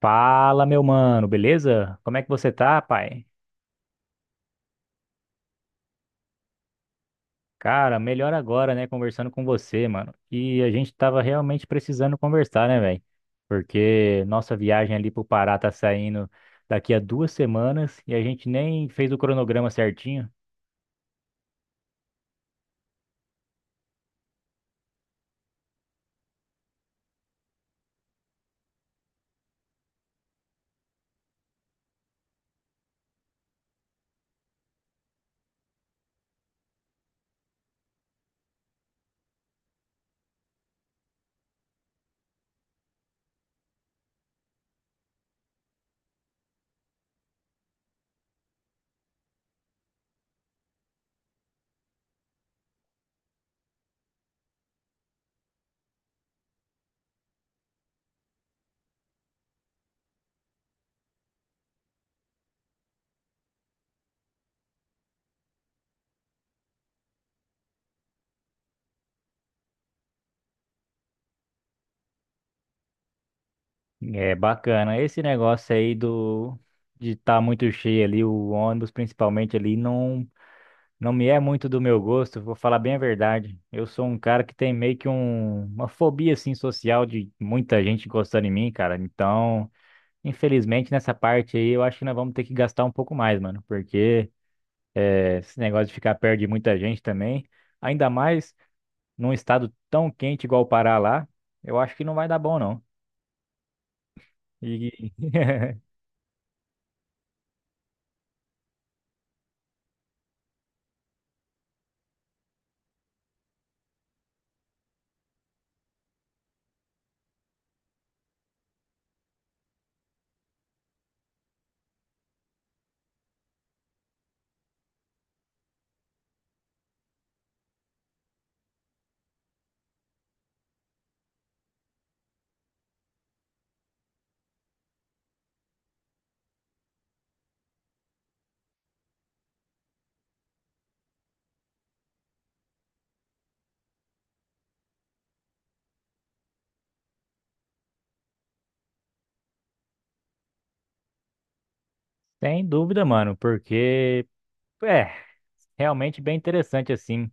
Fala, meu mano, beleza? Como é que você tá, pai? Cara, melhor agora, né, conversando com você, mano. E a gente tava realmente precisando conversar, né, velho? Porque nossa viagem ali pro Pará tá saindo daqui a 2 semanas e a gente nem fez o cronograma certinho. É bacana. Esse negócio aí do de estar muito cheio ali, o ônibus principalmente ali, não. Não me é muito do meu gosto, vou falar bem a verdade. Eu sou um cara que tem meio que uma fobia assim social de muita gente gostando de mim, cara. Então, infelizmente nessa parte aí, eu acho que nós vamos ter que gastar um pouco mais, mano, porque esse negócio de ficar perto de muita gente também, ainda mais num estado tão quente igual o Pará lá, eu acho que não vai dar bom não. E sem dúvida, mano, porque é realmente bem interessante assim.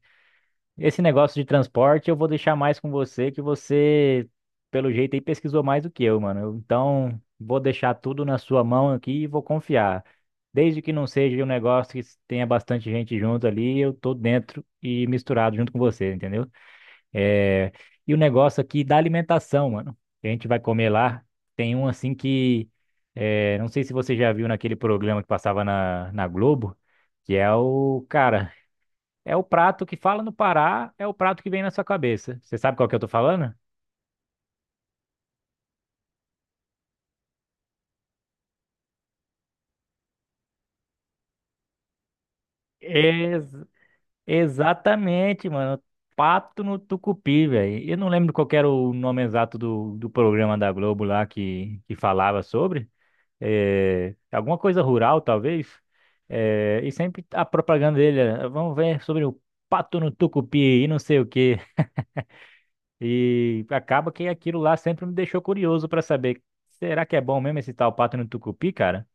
Esse negócio de transporte eu vou deixar mais com você, que você, pelo jeito aí, pesquisou mais do que eu, mano. Então, vou deixar tudo na sua mão aqui e vou confiar. Desde que não seja um negócio que tenha bastante gente junto ali, eu tô dentro e misturado junto com você, entendeu? É... E o negócio aqui da alimentação, mano, que a gente vai comer lá. Tem um assim que. Não sei se você já viu naquele programa que passava na Globo, que é o cara. É o prato que fala no Pará, é o prato que vem na sua cabeça. Você sabe qual que eu tô falando? Ex- exatamente, mano. Pato no Tucupi, velho. Eu não lembro qual que era o nome exato do programa da Globo lá que falava sobre. É, alguma coisa rural, talvez. É, e sempre a propaganda dele era, vamos ver sobre o pato no Tucupi e não sei o quê. E acaba que aquilo lá sempre me deixou curioso pra saber, será que é bom mesmo esse tal pato no Tucupi, cara?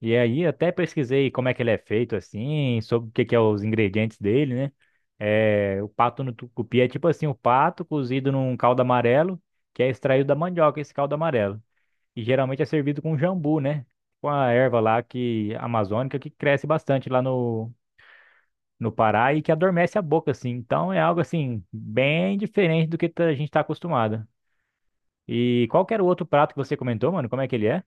E aí até pesquisei como é que ele é feito assim, sobre o que que é os ingredientes dele, né? É, o pato no tucupi é tipo assim, o pato cozido num caldo amarelo, que é extraído da mandioca, esse caldo amarelo. E geralmente é servido com jambu, né? Com a erva lá que amazônica que cresce bastante lá no Pará e que adormece a boca assim. Então é algo assim bem diferente do que tá, a gente está acostumado. E qual que era o outro prato que você comentou, mano? Como é que ele é?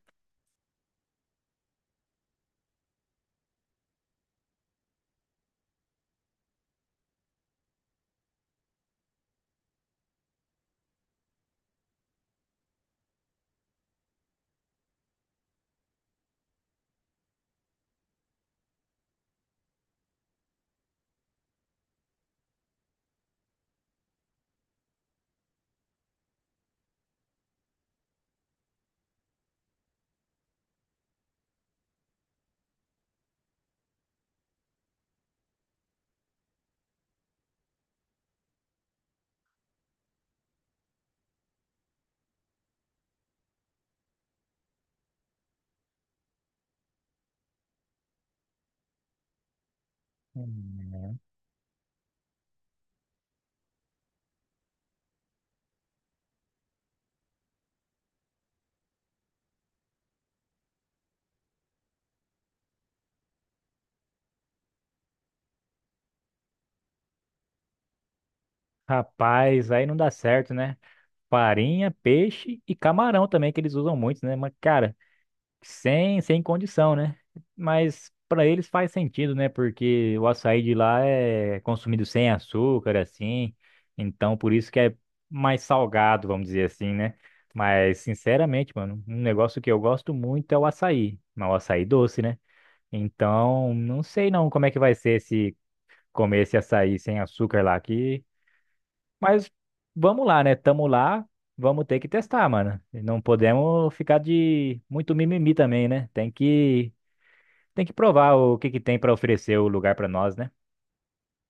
Hum. Rapaz, aí não dá certo, né? Farinha, peixe e camarão também, que eles usam muito, né? Mas, cara, sem condição, né? Mas para eles faz sentido, né? Porque o açaí de lá é consumido sem açúcar, assim. Então, por isso que é mais salgado, vamos dizer assim, né? Mas, sinceramente, mano, um negócio que eu gosto muito é o açaí. Mas o açaí doce, né? Então, não sei não como é que vai ser se comer esse açaí sem açúcar lá, que mas vamos lá, né? Tamo lá, vamos ter que testar, mano. E não podemos ficar de muito mimimi também, né? Tem que provar o que que tem pra oferecer o lugar pra nós, né?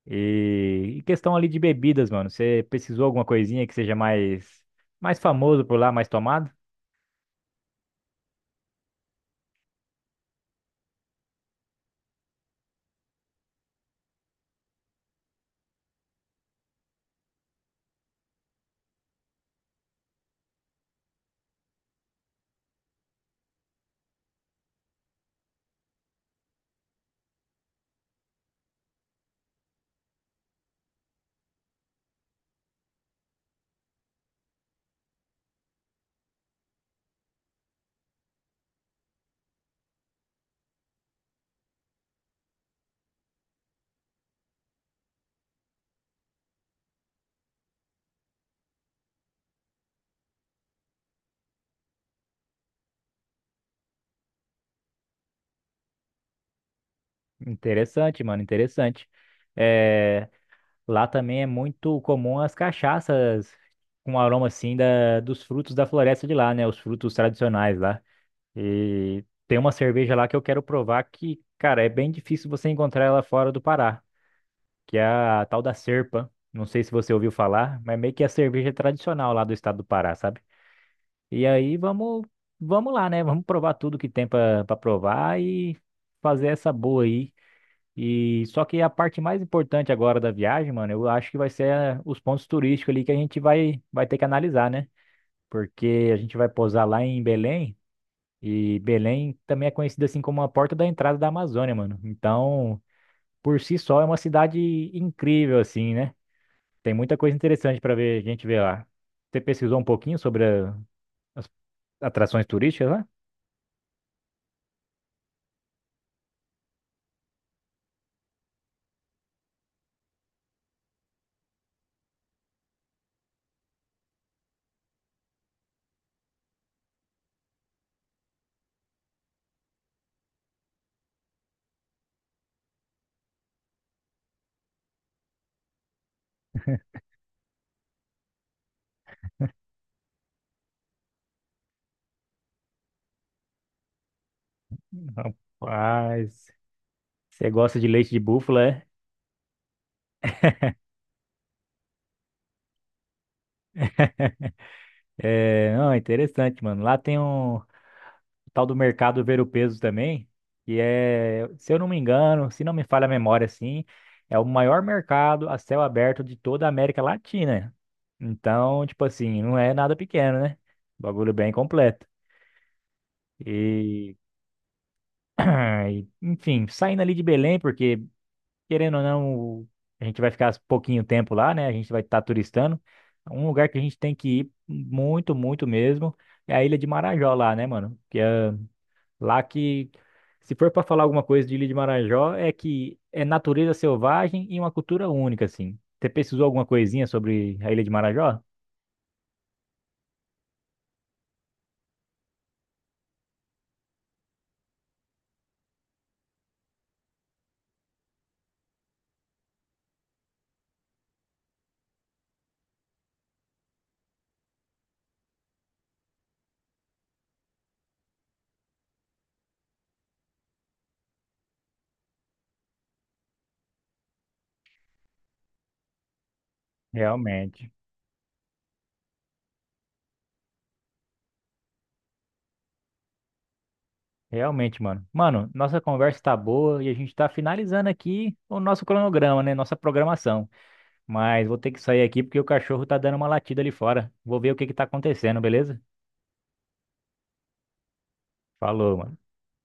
E questão ali de bebidas, mano. Você precisou alguma coisinha que seja mais famoso por lá, mais tomado? Interessante, mano, interessante. É, lá também é muito comum as cachaças com aroma assim da, dos frutos da floresta de lá, né? Os frutos tradicionais lá. E tem uma cerveja lá que eu quero provar que, cara, é bem difícil você encontrar ela fora do Pará, que é a tal da Serpa. Não sei se você ouviu falar, mas meio que é a cerveja tradicional lá do estado do Pará, sabe? E aí vamos lá, né? Vamos provar tudo que tem pra provar e fazer essa boa aí. E só que a parte mais importante agora da viagem, mano, eu acho que vai ser os pontos turísticos ali que a gente vai ter que analisar, né? Porque a gente vai pousar lá em Belém. E Belém também é conhecida assim como a porta da entrada da Amazônia, mano. Então, por si só, é uma cidade incrível, assim, né? Tem muita coisa interessante para ver, a gente ver lá. Você pesquisou um pouquinho sobre as atrações turísticas lá? Rapaz, você gosta de leite de búfala, é? É, não, é interessante, mano. Lá tem um, tal do mercado ver o peso também, que é, se eu não me engano, se não me falha a memória assim, é o maior mercado a céu aberto de toda a América Latina. Então, tipo assim, não é nada pequeno, né? Bagulho bem completo. E, ah, e, enfim, saindo ali de Belém, porque querendo ou não, a gente vai ficar pouquinho tempo lá, né? A gente vai estar turistando. Um lugar que a gente tem que ir muito, muito mesmo é a Ilha de Marajó lá, né, mano? Que é lá que, se for para falar alguma coisa de Ilha de Marajó, é que é natureza selvagem e uma cultura única, assim. Você pesquisou alguma coisinha sobre a Ilha de Marajó? Realmente. Realmente, mano. Mano, nossa conversa tá boa e a gente tá finalizando aqui o nosso cronograma, né? Nossa programação. Mas vou ter que sair aqui porque o cachorro tá dando uma latida ali fora. Vou ver o que que tá acontecendo, beleza? Falou, mano.